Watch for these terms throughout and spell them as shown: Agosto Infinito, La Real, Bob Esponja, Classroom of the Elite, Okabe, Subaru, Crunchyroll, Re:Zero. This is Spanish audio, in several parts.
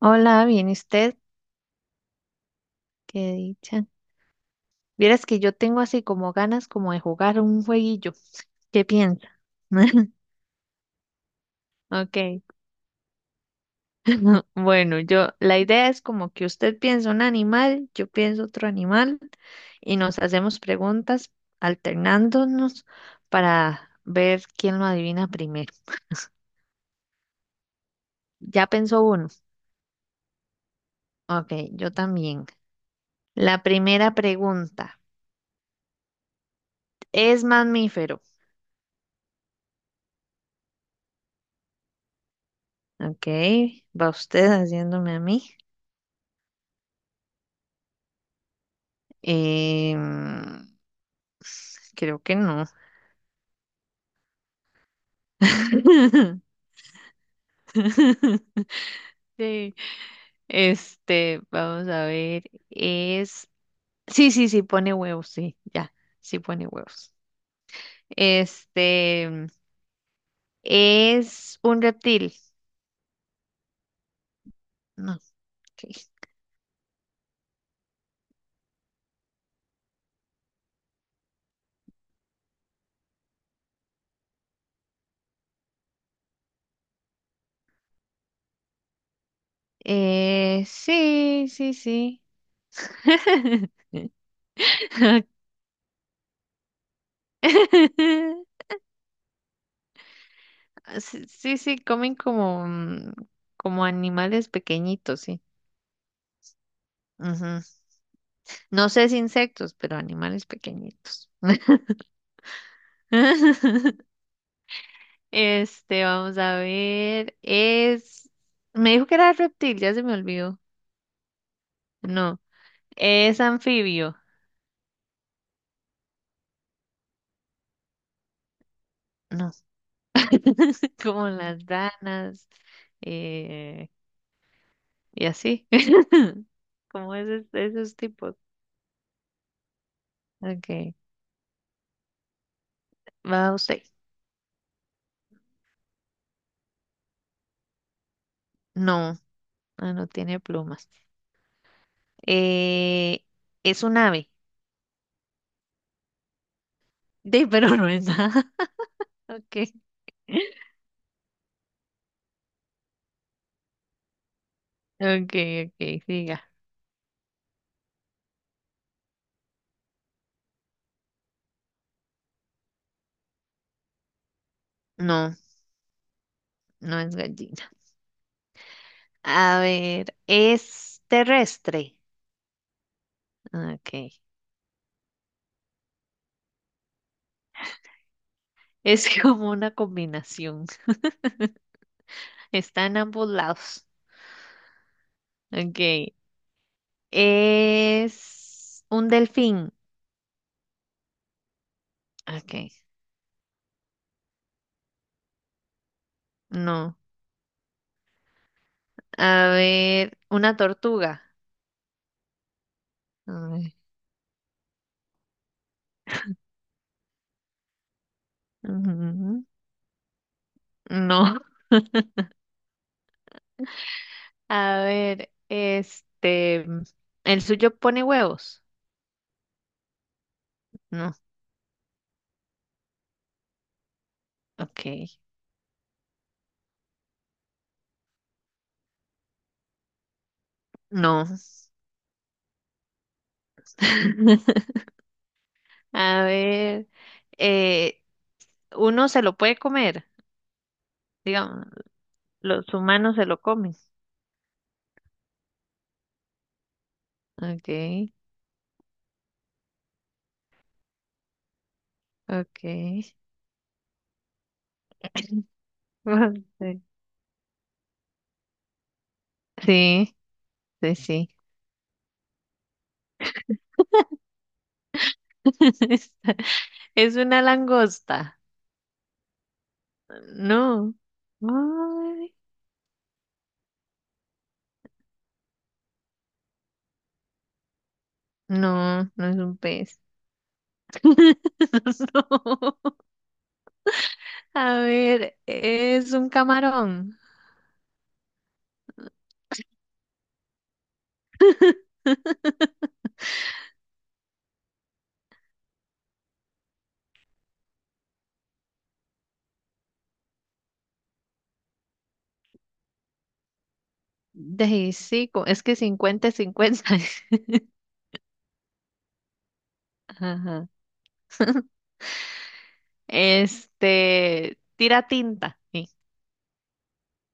Hola, bien, ¿y usted? Qué dicha. Vieras que yo tengo así como ganas como de jugar un jueguillo. ¿Qué piensa? Ok. Bueno, yo, la idea es como que usted piensa un animal, yo pienso otro animal y nos hacemos preguntas alternándonos para ver quién lo adivina primero. Ya pensó uno. Ok, yo también. La primera pregunta, ¿es mamífero? Ok, va usted haciéndome a mí. Em, Creo que no. Sí. Este, vamos a ver, es... Sí, sí, sí, pone huevos, sí, ya, sí pone huevos. Este, es un reptil. No, ok. Sí, sí, sí. Sí, sí, sí, comen como, como animales pequeñitos, sí. No sé si insectos, pero animales pequeñitos. Este, vamos a ver. Es. Me dijo que era reptil, ya se me olvidó. No, es anfibio. No, como las ranas, eh, y así. Como esos, esos tipos. Ok, va usted. No, ah, no tiene plumas. Eh, es un ave. De, pero no es nada. Ok, ok, ok, siga. No, no es gallina. A ver, ¿es terrestre? Ah, ok. Es como una combinación. Está en ambos lados. Ok. Es un delfín. Ok. No. A ver, una tortuga. A ver, ujú, no. A ver, este, ¿el suyo pone huevos? No. Ok. No. A ver, eh, ¿uno se lo puede comer? Digamos. Los humanos se lo comen. Okay, okay. Sí, sí, sí, sí. Es una langosta. No. Ay, no, no es un pez. No. A ver, es un camarón. De sí, es que cincuenta, cincuenta. Ajá. Este, tira tinta. Sí,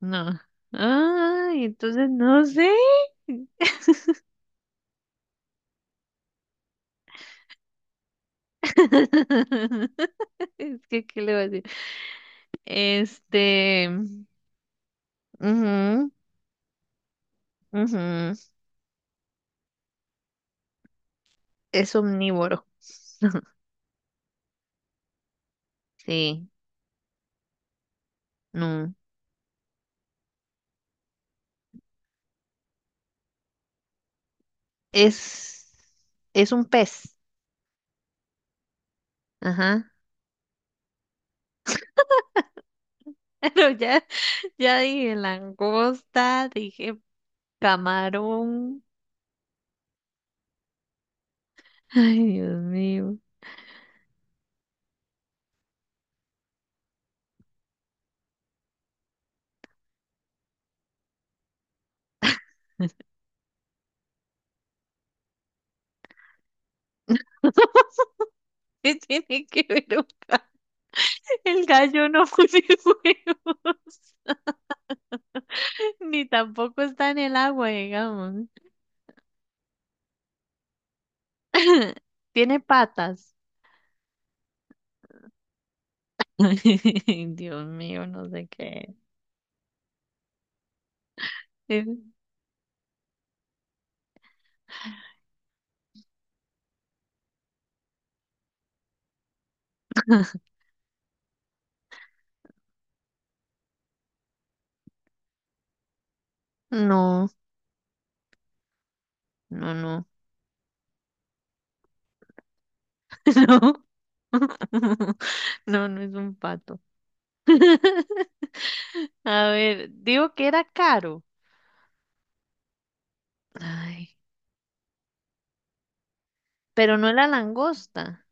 no. Ay, entonces no sé. Es que, ¿qué le voy a decir? Este, ujú, ujú, es omnívoro. Sí, no. Es, es un pez. Ajá. Pero ya, ya dije langosta, dije camarón. Ay, Dios mío. ¿Qué tiene que ver un el gallo no pone huevos? Ni tampoco está en el agua, digamos. Tiene patas. Dios mío, no sé qué es. No, no, no, no. No, no es un pato. A ver, digo que era caro. Ay, pero no era langosta.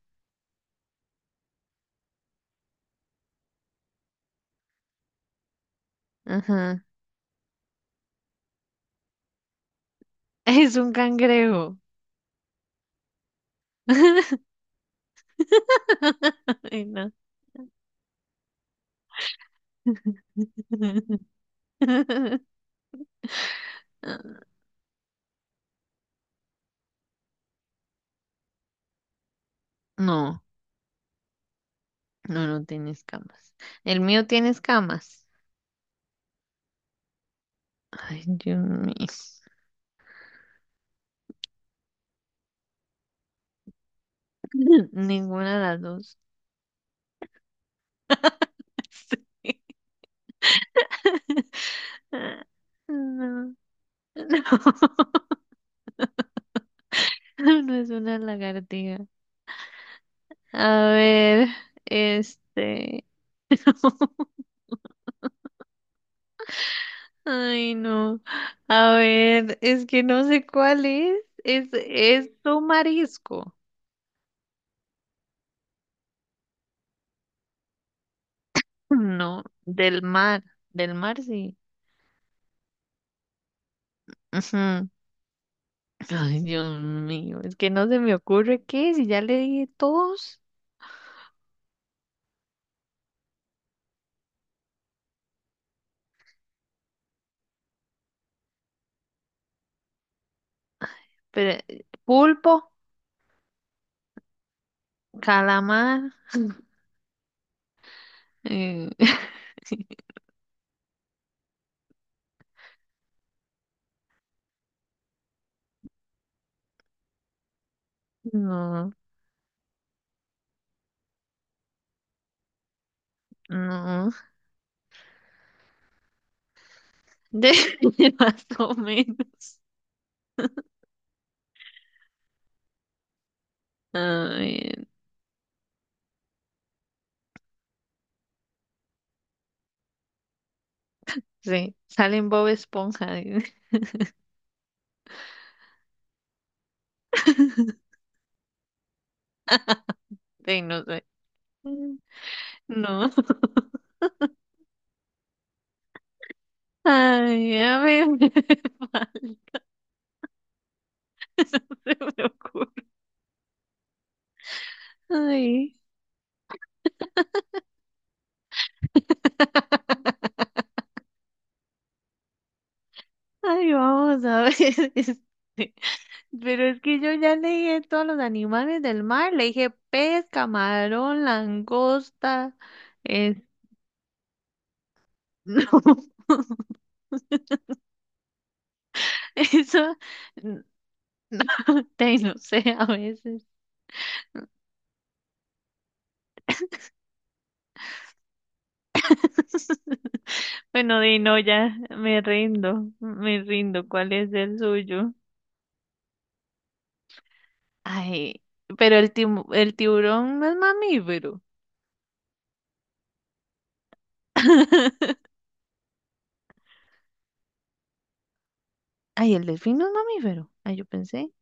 Ajá. Es un cangrejo. Ay, no. No, no, no tiene escamas. El mío tiene escamas. Ay, Dios mío. Ninguna de las dos. Sí. No, no, no es una lagartija. A ver, este. Ay, no. A ver, es que no sé cuál es. Es un marisco. No, del mar. Del mar, sí. Ujú. Ay, Dios mío, es que no se me ocurre qué si ya le dije todos. Pero, pulpo, calamar. eh, no, no. De más o menos. A ver, sí, salen Bob Esponja. Sí, no sé. Mm, no. Ay, a ver. Vale, no se me ocurre. Ay. Ay, vamos a ver. Este. Pero es que yo ya leí dije todos los animales del mar. Le dije pez, camarón, langosta. Es no. Eso. No, no sé, a veces. Bueno, Dino, ya me rindo, me rindo. ¿Cuál es el suyo? Ay, pero el, el tiburón no es mamífero. Ay, el delfín no es mamífero. Ay, yo pensé.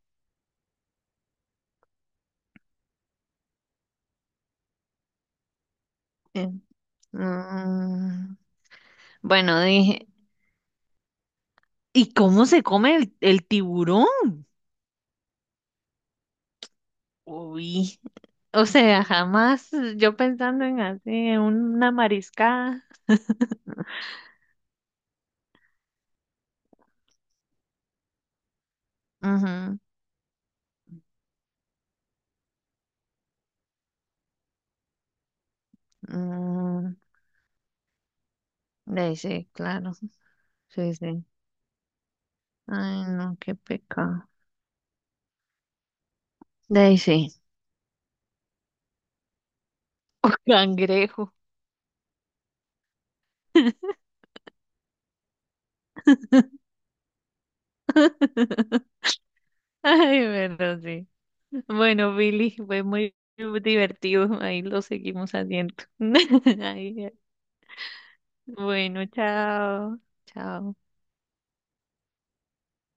eh, mm, bueno, dije, ¿y cómo se come el tiburón? Uy, o sea, jamás yo pensando en así, en una mariscada. Ujú, mm, de ahí sí, claro. Sí, sí. Ay, no, qué pecado. De ahí sí. Cangrejo. Ay, pero sí. Bueno, Billy, fue muy divertido. Ahí lo seguimos haciendo. Ay, bueno, chao. Chao.